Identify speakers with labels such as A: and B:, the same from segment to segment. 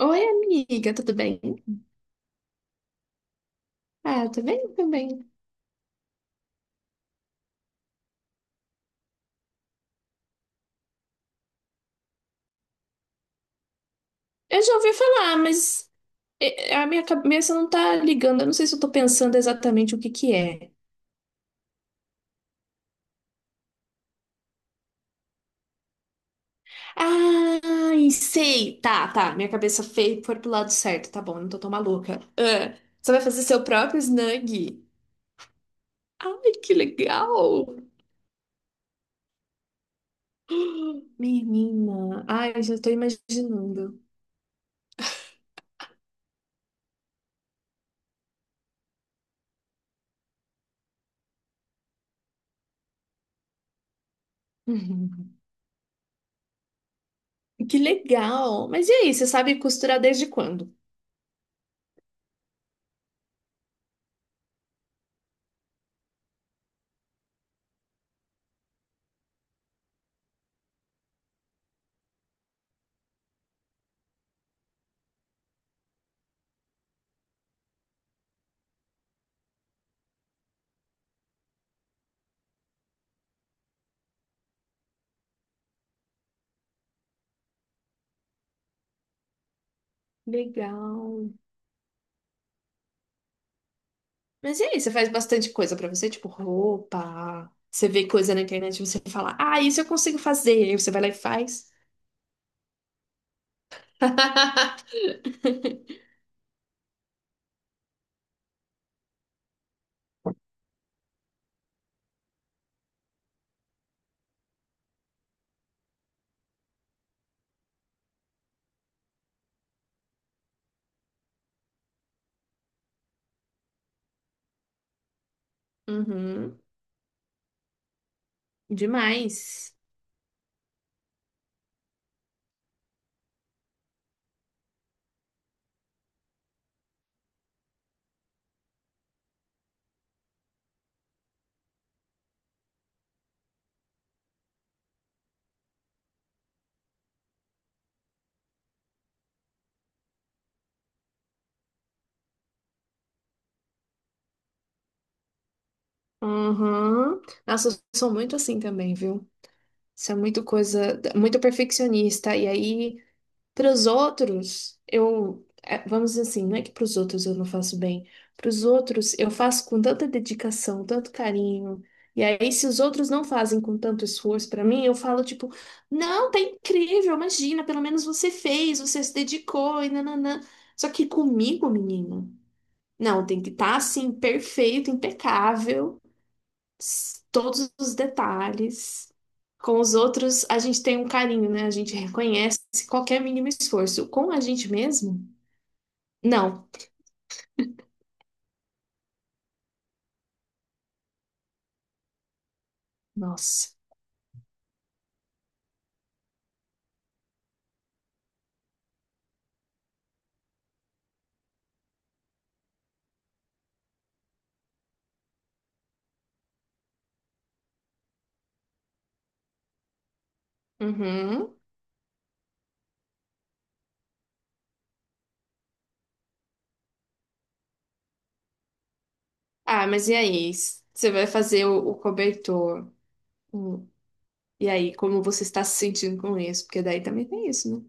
A: Oi, amiga, tudo bem? Ah, eu tô bem também. Eu já ouvi falar, mas a minha cabeça não tá ligando. Eu não sei se eu tô pensando exatamente o que que é. Ah, sei. Tá, tá. Minha cabeça feia foi pro lado certo. Tá bom, eu não tô tão maluca. Ah, você vai fazer seu próprio snug? Ai, que legal! Menina, ai, eu já tô imaginando. Que legal! Mas e aí, você sabe costurar desde quando? Legal. Mas e aí, você faz bastante coisa pra você, tipo roupa. Você vê coisa na internet e você fala, ah, isso eu consigo fazer. Aí você vai lá e faz. Uhum, demais. Uhum. Nossa, eu sou muito assim também, viu? Isso é muito coisa, muito perfeccionista. E aí, para os outros, eu, é, vamos dizer assim, não é que para os outros eu não faço bem. Para os outros, eu faço com tanta dedicação, tanto carinho. E aí, se os outros não fazem com tanto esforço para mim, eu falo tipo, não, tá incrível, imagina, pelo menos você fez, você se dedicou e nananã. Só que comigo, menina, não, tem que estar assim, perfeito, impecável, todos os detalhes. Com os outros, a gente tem um carinho, né? A gente reconhece qualquer mínimo esforço. Com a gente mesmo? Não. Nossa. Uhum. Ah, mas e aí? Você vai fazer o cobertor. Hum. E aí, como você está se sentindo com isso? Porque daí também tem isso, né?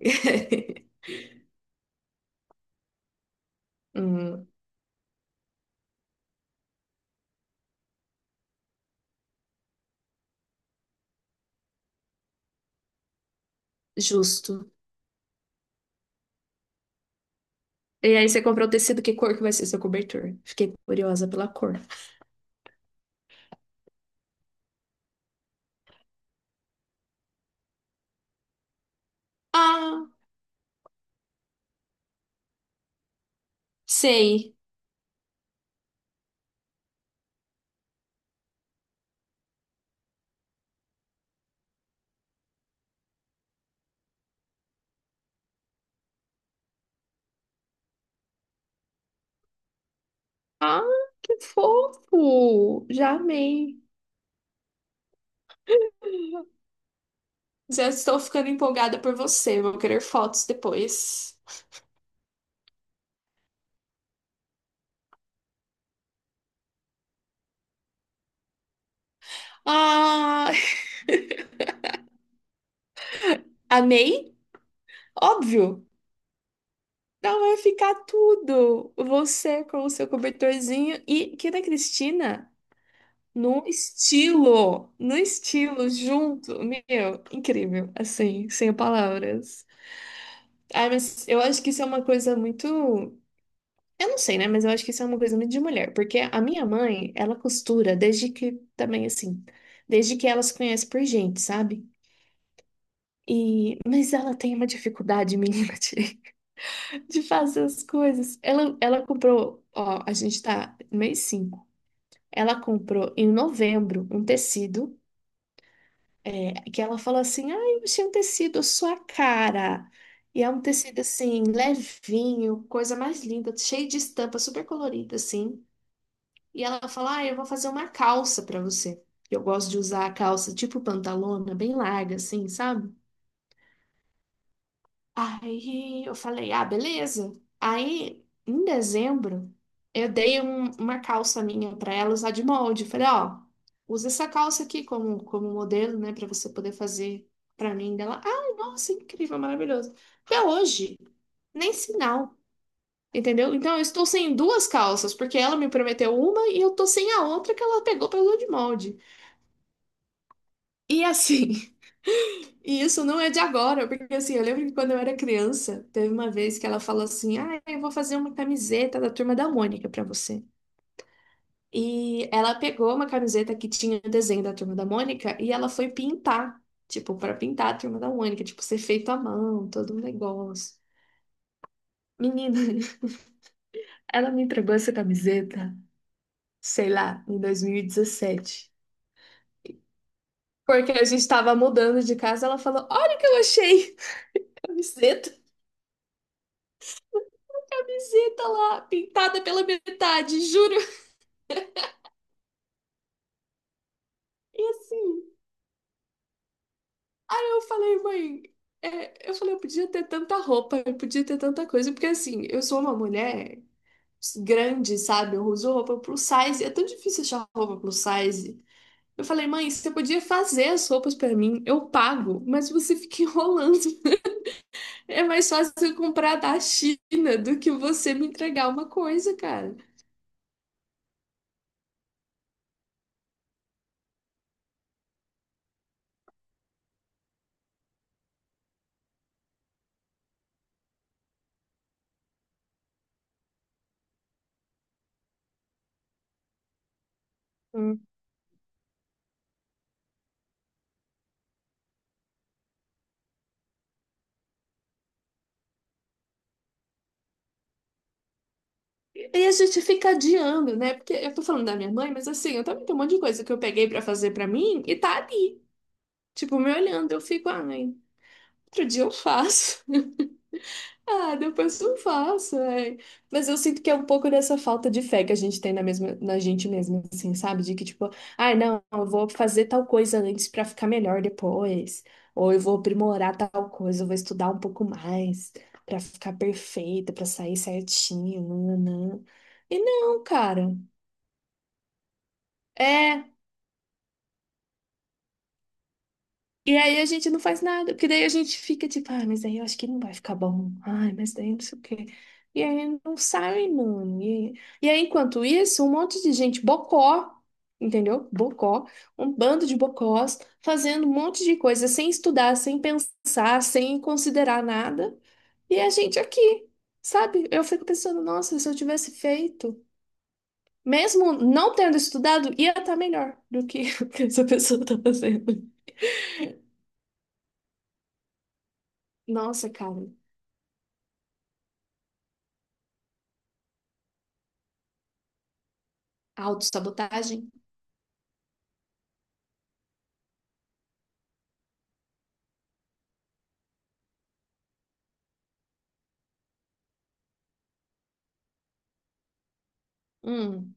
A: Hum, justo. E aí você comprou o tecido, que cor que vai ser seu cobertor? Fiquei curiosa pela cor. Ah, sei. Ah, que fofo! Já amei. Já estou ficando empolgada por você. Vou querer fotos depois. Ah, amei? Óbvio. Não vai ficar tudo. Você com o seu cobertorzinho e que da Cristina no estilo, no estilo junto. Meu, incrível, assim, sem palavras. Ai, mas eu acho que isso é uma coisa muito... Eu não sei, né? Mas eu acho que isso é uma coisa muito de mulher, porque a minha mãe, ela costura desde que também assim, desde que ela se conhece por gente, sabe? E mas ela tem uma dificuldade, menina, de, de fazer as coisas. Ela comprou, ó, a gente tá no mês 5. Ela comprou em novembro um tecido, é, que ela falou assim: "Ah, eu achei um tecido à sua cara". E é um tecido assim, levinho, coisa mais linda, cheio de estampa, super colorida assim. E ela fala: Ah, eu vou fazer uma calça pra você. Eu gosto de usar a calça tipo pantalona, bem larga, assim, sabe? Aí eu falei: Ah, beleza. Aí, em dezembro, eu dei uma calça minha pra ela usar de molde. Falei: Ó, usa essa calça aqui como modelo, né, pra você poder fazer pra mim dela. Ai, nossa, incrível, maravilhoso. Até hoje, nem sinal. Entendeu? Então eu estou sem duas calças, porque ela me prometeu uma e eu tô sem a outra que ela pegou pra usar de molde. E assim, e isso não é de agora, porque assim, eu lembro que quando eu era criança, teve uma vez que ela falou assim: Ah, eu vou fazer uma camiseta da Turma da Mônica pra você. E ela pegou uma camiseta que tinha o desenho da Turma da Mônica e ela foi pintar, tipo, pra pintar a Turma da Mônica, tipo, ser feito à mão, todo um negócio. Menina, ela me entregou essa camiseta, sei lá, em 2017. Porque a gente tava mudando de casa, ela falou: Olha o que eu achei! Camiseta. Camiseta lá, pintada pela metade, juro. E assim, eu falei, mãe, é, eu falei, eu podia ter tanta roupa, eu podia ter tanta coisa, porque assim, eu sou uma mulher grande, sabe? Eu uso roupa plus size, é tão difícil achar roupa plus size. Eu falei, mãe, você podia fazer as roupas pra mim, eu pago, mas você fica enrolando. É mais fácil eu comprar da China do que você me entregar uma coisa, cara. E a gente fica adiando, né? Porque eu tô falando da minha mãe, mas assim, eu também tenho um monte de coisa que eu peguei pra fazer pra mim e tá ali, tipo, me olhando. Eu fico, ai, outro dia eu faço. Ah, depois eu faço, ai. Mas eu sinto que é um pouco dessa falta de fé que a gente tem na mesma, na gente mesma, assim, sabe? De que, tipo, ai, não, eu vou fazer tal coisa antes pra ficar melhor depois. Ou eu vou aprimorar tal coisa, eu vou estudar um pouco mais pra ficar perfeita, pra sair certinho, nananã. E não, cara. É, e aí a gente não faz nada, porque daí a gente fica tipo, ah, mas aí eu acho que não vai ficar bom. Ai, mas daí não sei o quê. E aí não sai, mano. E aí, enquanto isso, um monte de gente bocó, entendeu? Bocó, um bando de bocós fazendo um monte de coisa sem estudar, sem pensar, sem considerar nada. E a gente aqui, sabe? Eu fico pensando, nossa, se eu tivesse feito, mesmo não tendo estudado, ia estar melhor do que o que essa pessoa tá fazendo. Nossa, cara. Autossabotagem? Hum,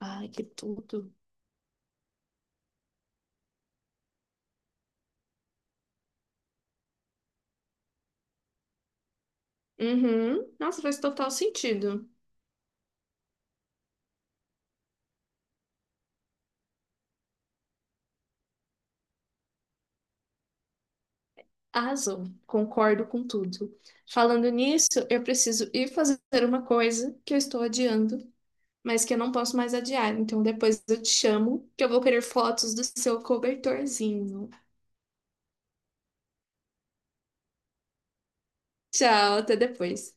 A: ai, que tudo. Uhum. Nossa, faz total sentido. Arrasou. Concordo com tudo. Falando nisso, eu preciso ir fazer uma coisa que eu estou adiando, mas que eu não posso mais adiar. Então depois eu te chamo, que eu vou querer fotos do seu cobertorzinho. Tchau, até depois.